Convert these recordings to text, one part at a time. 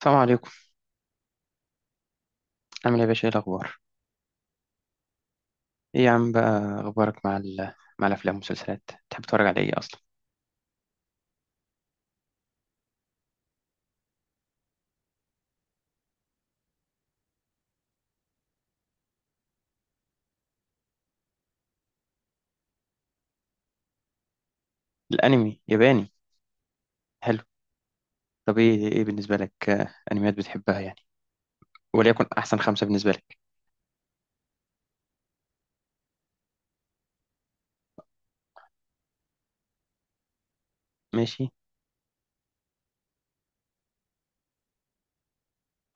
السلام عليكم. عامل ايه يا باشا؟ ايه الاخبار؟ ايه يا عم بقى اخبارك مع مع الافلام والمسلسلات؟ تحب تتفرج على ايه اصلا؟ الانمي ياباني. حلو. طب ايه بالنسبه لك، انميات بتحبها يعني؟ وليكن احسن خمسه بالنسبه لك. ماشي.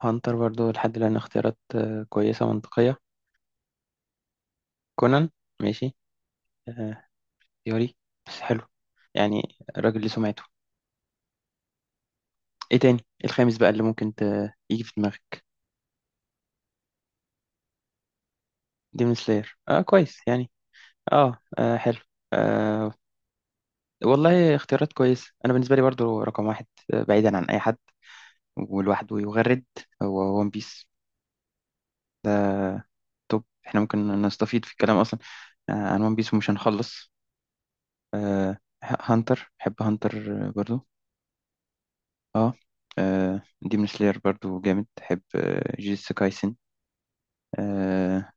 هانتر برضو، لحد الان اختيارات كويسه منطقيه. كونان. ماشي. آه، يوري؟ بس حلو يعني، الراجل ليه سمعته. ايه تاني؟ إيه الخامس بقى اللي ممكن يجي في دماغك؟ ديمون سلاير، اه كويس يعني. اه، آه حلو. آه، والله اختيارات كويسة. أنا بالنسبة لي برضو رقم واحد، بعيدا عن أي حد ولوحده يغرد، هو ون بيس. ده توب. احنا ممكن نستفيد في الكلام أصلا عن ون بيس ومش هنخلص. آه، هانتر، بحب هانتر برضو. اه. ديمون سلاير برضو جامد. بحب جيتسو كايسن. آه،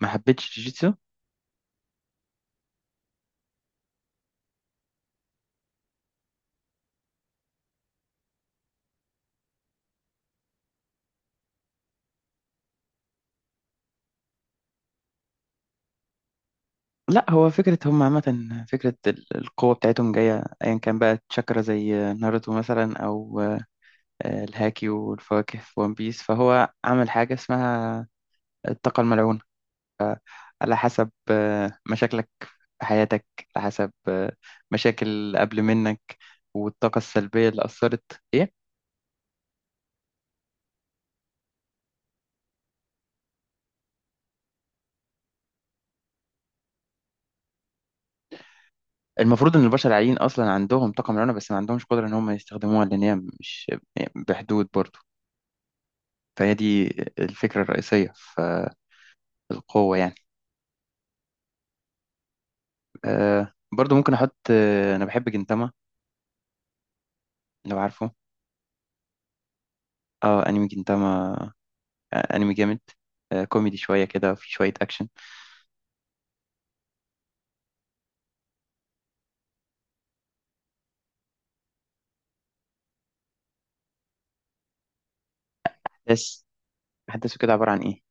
ما حبيتش جيتسو. لا هو فكرة هم، عامة فكرة القوة بتاعتهم جاية أيا كان بقى تشاكرا، زي ناروتو مثلا، أو الهاكي والفواكه في ون بيس، فهو عمل حاجة اسمها الطاقة الملعونة، على حسب مشاكلك في حياتك، على حسب مشاكل اللي قبل منك والطاقة السلبية اللي أثرت. إيه. المفروض إن البشر العاديين أصلا عندهم طاقة ملعونة، بس ما عندهمش قدرة إن هم يستخدموها، لأن هي مش يعني بحدود برضو. فهي دي الفكرة الرئيسية في القوة يعني. أه برضو ممكن أحط، أنا بحب جنتاما لو عارفه. اه أنمي جنتاما. انمي جامد، كوميدي شويه كده وفي شويه اكشن. بس احداثه كده عباره عن ايه؟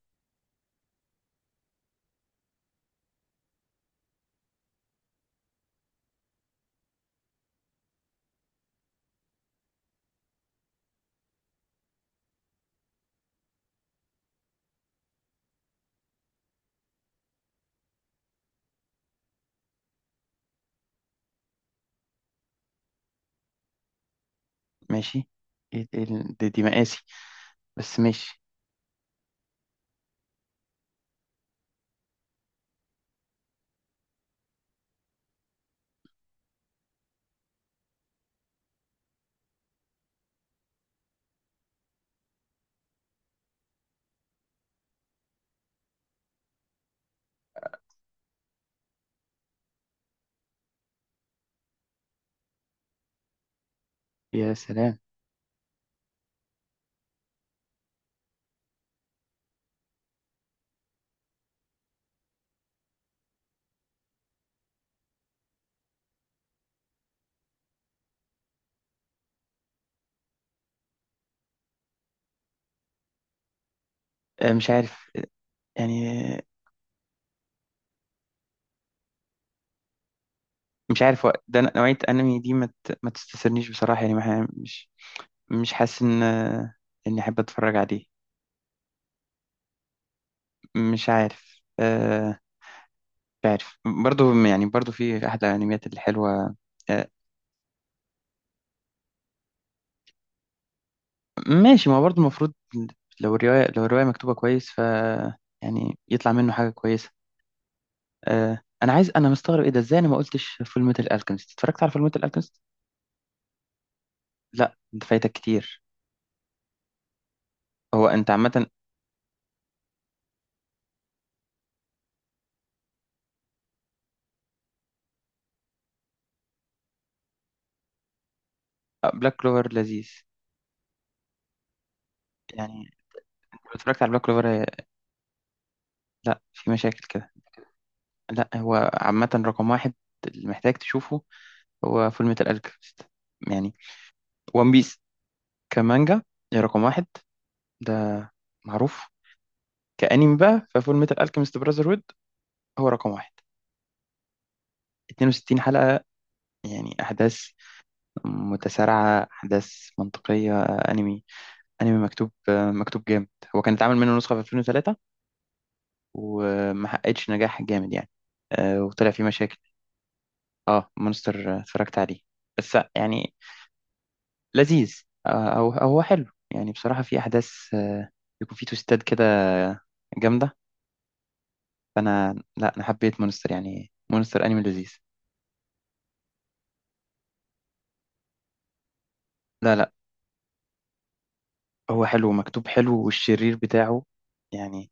ماشي. إيه دي مقاسي، بس ماشي. يا سلام. مش عارف يعني. آه، مش عارف هو ده نوعيه انمي دي، ما تستثيرنيش بصراحه يعني، ما ح- مش حاسس ان اني احب اتفرج عليه. مش عارف مش عارف برضه. يعني برضه في احد الانميات الحلوه. آه، ماشي. ما هو برضه المفروض، لو الروايه مكتوبه كويس ف، يعني يطلع منه حاجة كويسة. آه انا مستغرب ايه ده؟ ازاي انا ما قلتش فول ميتال الكيمست؟ اتفرجت على فول ميتال الكيمست؟ لا، انت فايتك كتير. هو انت عامه. بلاك كلوفر لذيذ يعني. أنت لو اتفرجت على بلاك كلوفر، لا في مشاكل كده. لا هو عامه رقم واحد اللي محتاج تشوفه هو فول ميتال الكيمست يعني. وان بيس كمانجا هي رقم واحد، ده معروف. كأنمي بقى، ففول ميتال الكيمست براذر هود هو رقم واحد. 62 حلقة يعني، أحداث متسارعة، أحداث منطقية، انمي مكتوب، مكتوب جامد. هو كان اتعمل منه نسخة في 2003 وما حققتش نجاح جامد يعني. وطلع فيه مشاكل. اه مونستر، اتفرجت عليه. بس يعني لذيذ. أو هو حلو يعني، بصراحة في احداث، بيكون فيه توستات كده جامدة. فانا لا انا حبيت مونستر يعني، مونستر انمي لذيذ. لا، لا، هو حلو، مكتوب حلو، والشرير بتاعه يعني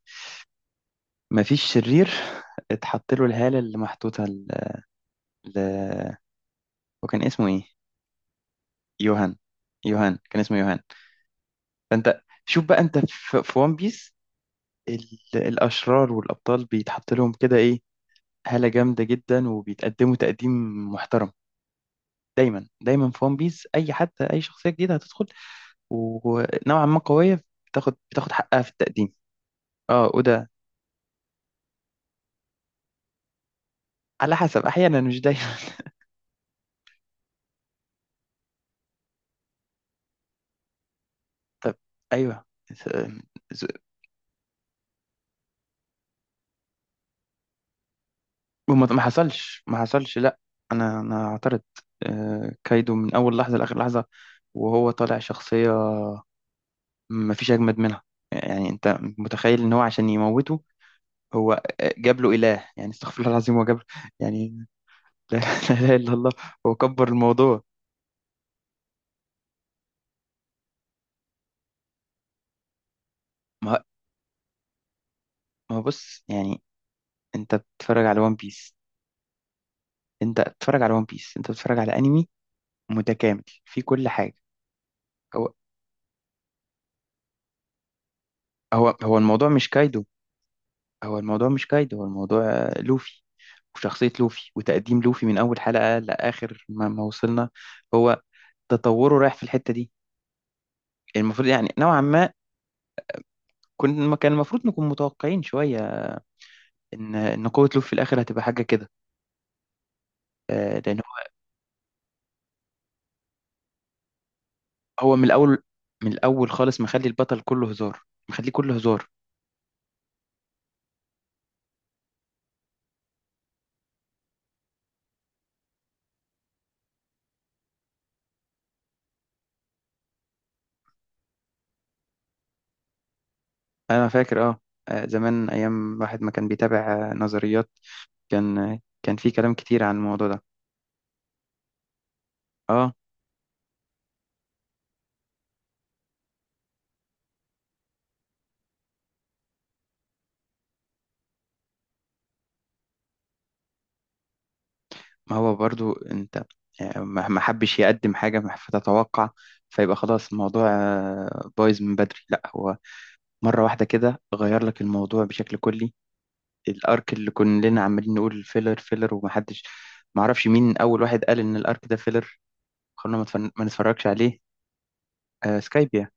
ما فيش شرير. اتحط له الهالة اللي محطوطة ل... وكان اسمه ايه؟ يوهان. كان اسمه يوهان. فانت شوف بقى انت في ون بيس ال... الاشرار والابطال بيتحط لهم كده ايه، هالة جامدة جدا، وبيتقدموا تقديم محترم. دايما دايما في ون بيس اي حد، اي شخصية جديدة هتدخل ونوعا ما قوية، بتاخد حقها في التقديم. اه وده على حسب، احيانا مش دايما. طب. ايوه. س- س- وما ما حصلش ما حصلش لا انا اعترض. كايدو من اول لحظه لاخر لحظه، وهو طالع شخصيه مفيش أجمد منها يعني. أنت متخيل إن هو عشان يموته، هو جاب له إله يعني؟ استغفر الله العظيم، هو جاب له يعني. لا، لا إله إلا الله. هو كبر الموضوع. ما ما بص يعني، أنت بتتفرج على ون بيس، أنت بتتفرج على ون بيس، أنت بتتفرج على أنمي متكامل في كل حاجة. هو هو الموضوع مش كايدو، هو الموضوع مش كايدو، هو الموضوع لوفي، وشخصية لوفي وتقديم لوفي من أول حلقة لآخر ما وصلنا. هو تطوره رايح في الحتة دي المفروض، يعني نوعا ما كان المفروض نكون متوقعين شوية إن قوة لوب في الآخر هتبقى حاجة كده، لأن هو. هو من الأول من الأول خالص مخلي البطل كله هزار، مخليه كله هزار. أنا فاكر أه. زمان، أيام واحد ما كان بيتابع نظريات، كان في كلام كتير عن الموضوع ده. أه. ما هو برضو أنت، ما حبش يقدم حاجة فتتوقع، فيبقى خلاص الموضوع بايظ من بدري. لا، هو مرة واحدة كده غير لك الموضوع بشكل كلي. الارك اللي كلنا عمالين نقول فيلر فيلر، ومحدش، معرفش مين اول واحد قال ان الارك ده فيلر، خلونا ما نتفرجش عليه. سكايبيا.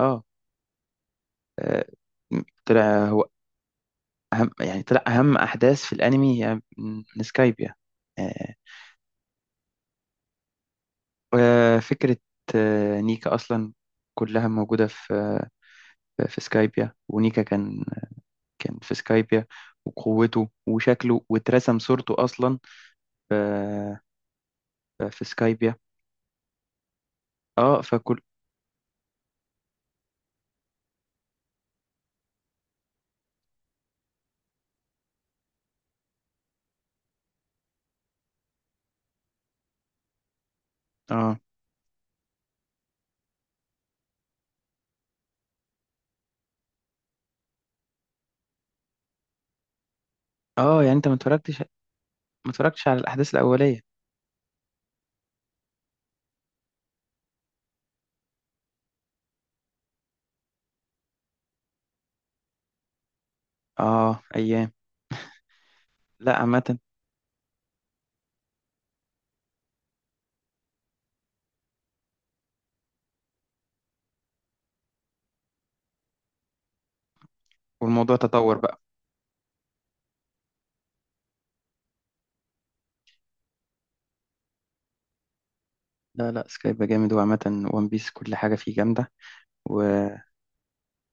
اه. آه، طلع هو، يعني طلع اهم احداث في الانمي هي من سكايبيا. آه. فكره آه نيكا اصلا، كلها موجوده في في سكايبيا، ونيكا كان في سكايبيا، وقوته وشكله واترسم صورته اصلا في سكايبيا. اه فكل. اه. اه يعني انت ما اتفرجتش على الاحداث الاوليه. اه ايام. لا عامه، والموضوع تطور بقى. لا، لا، سكايب جامد، وعامه وان بيس كل حاجه فيه جامده، و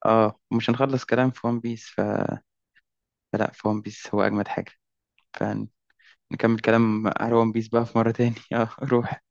اه مش هنخلص كلام في وان بيس فلا، في وان بيس هو اجمد حاجه، فنكمل كلام على وان بيس بقى في مره تاني. اه روح.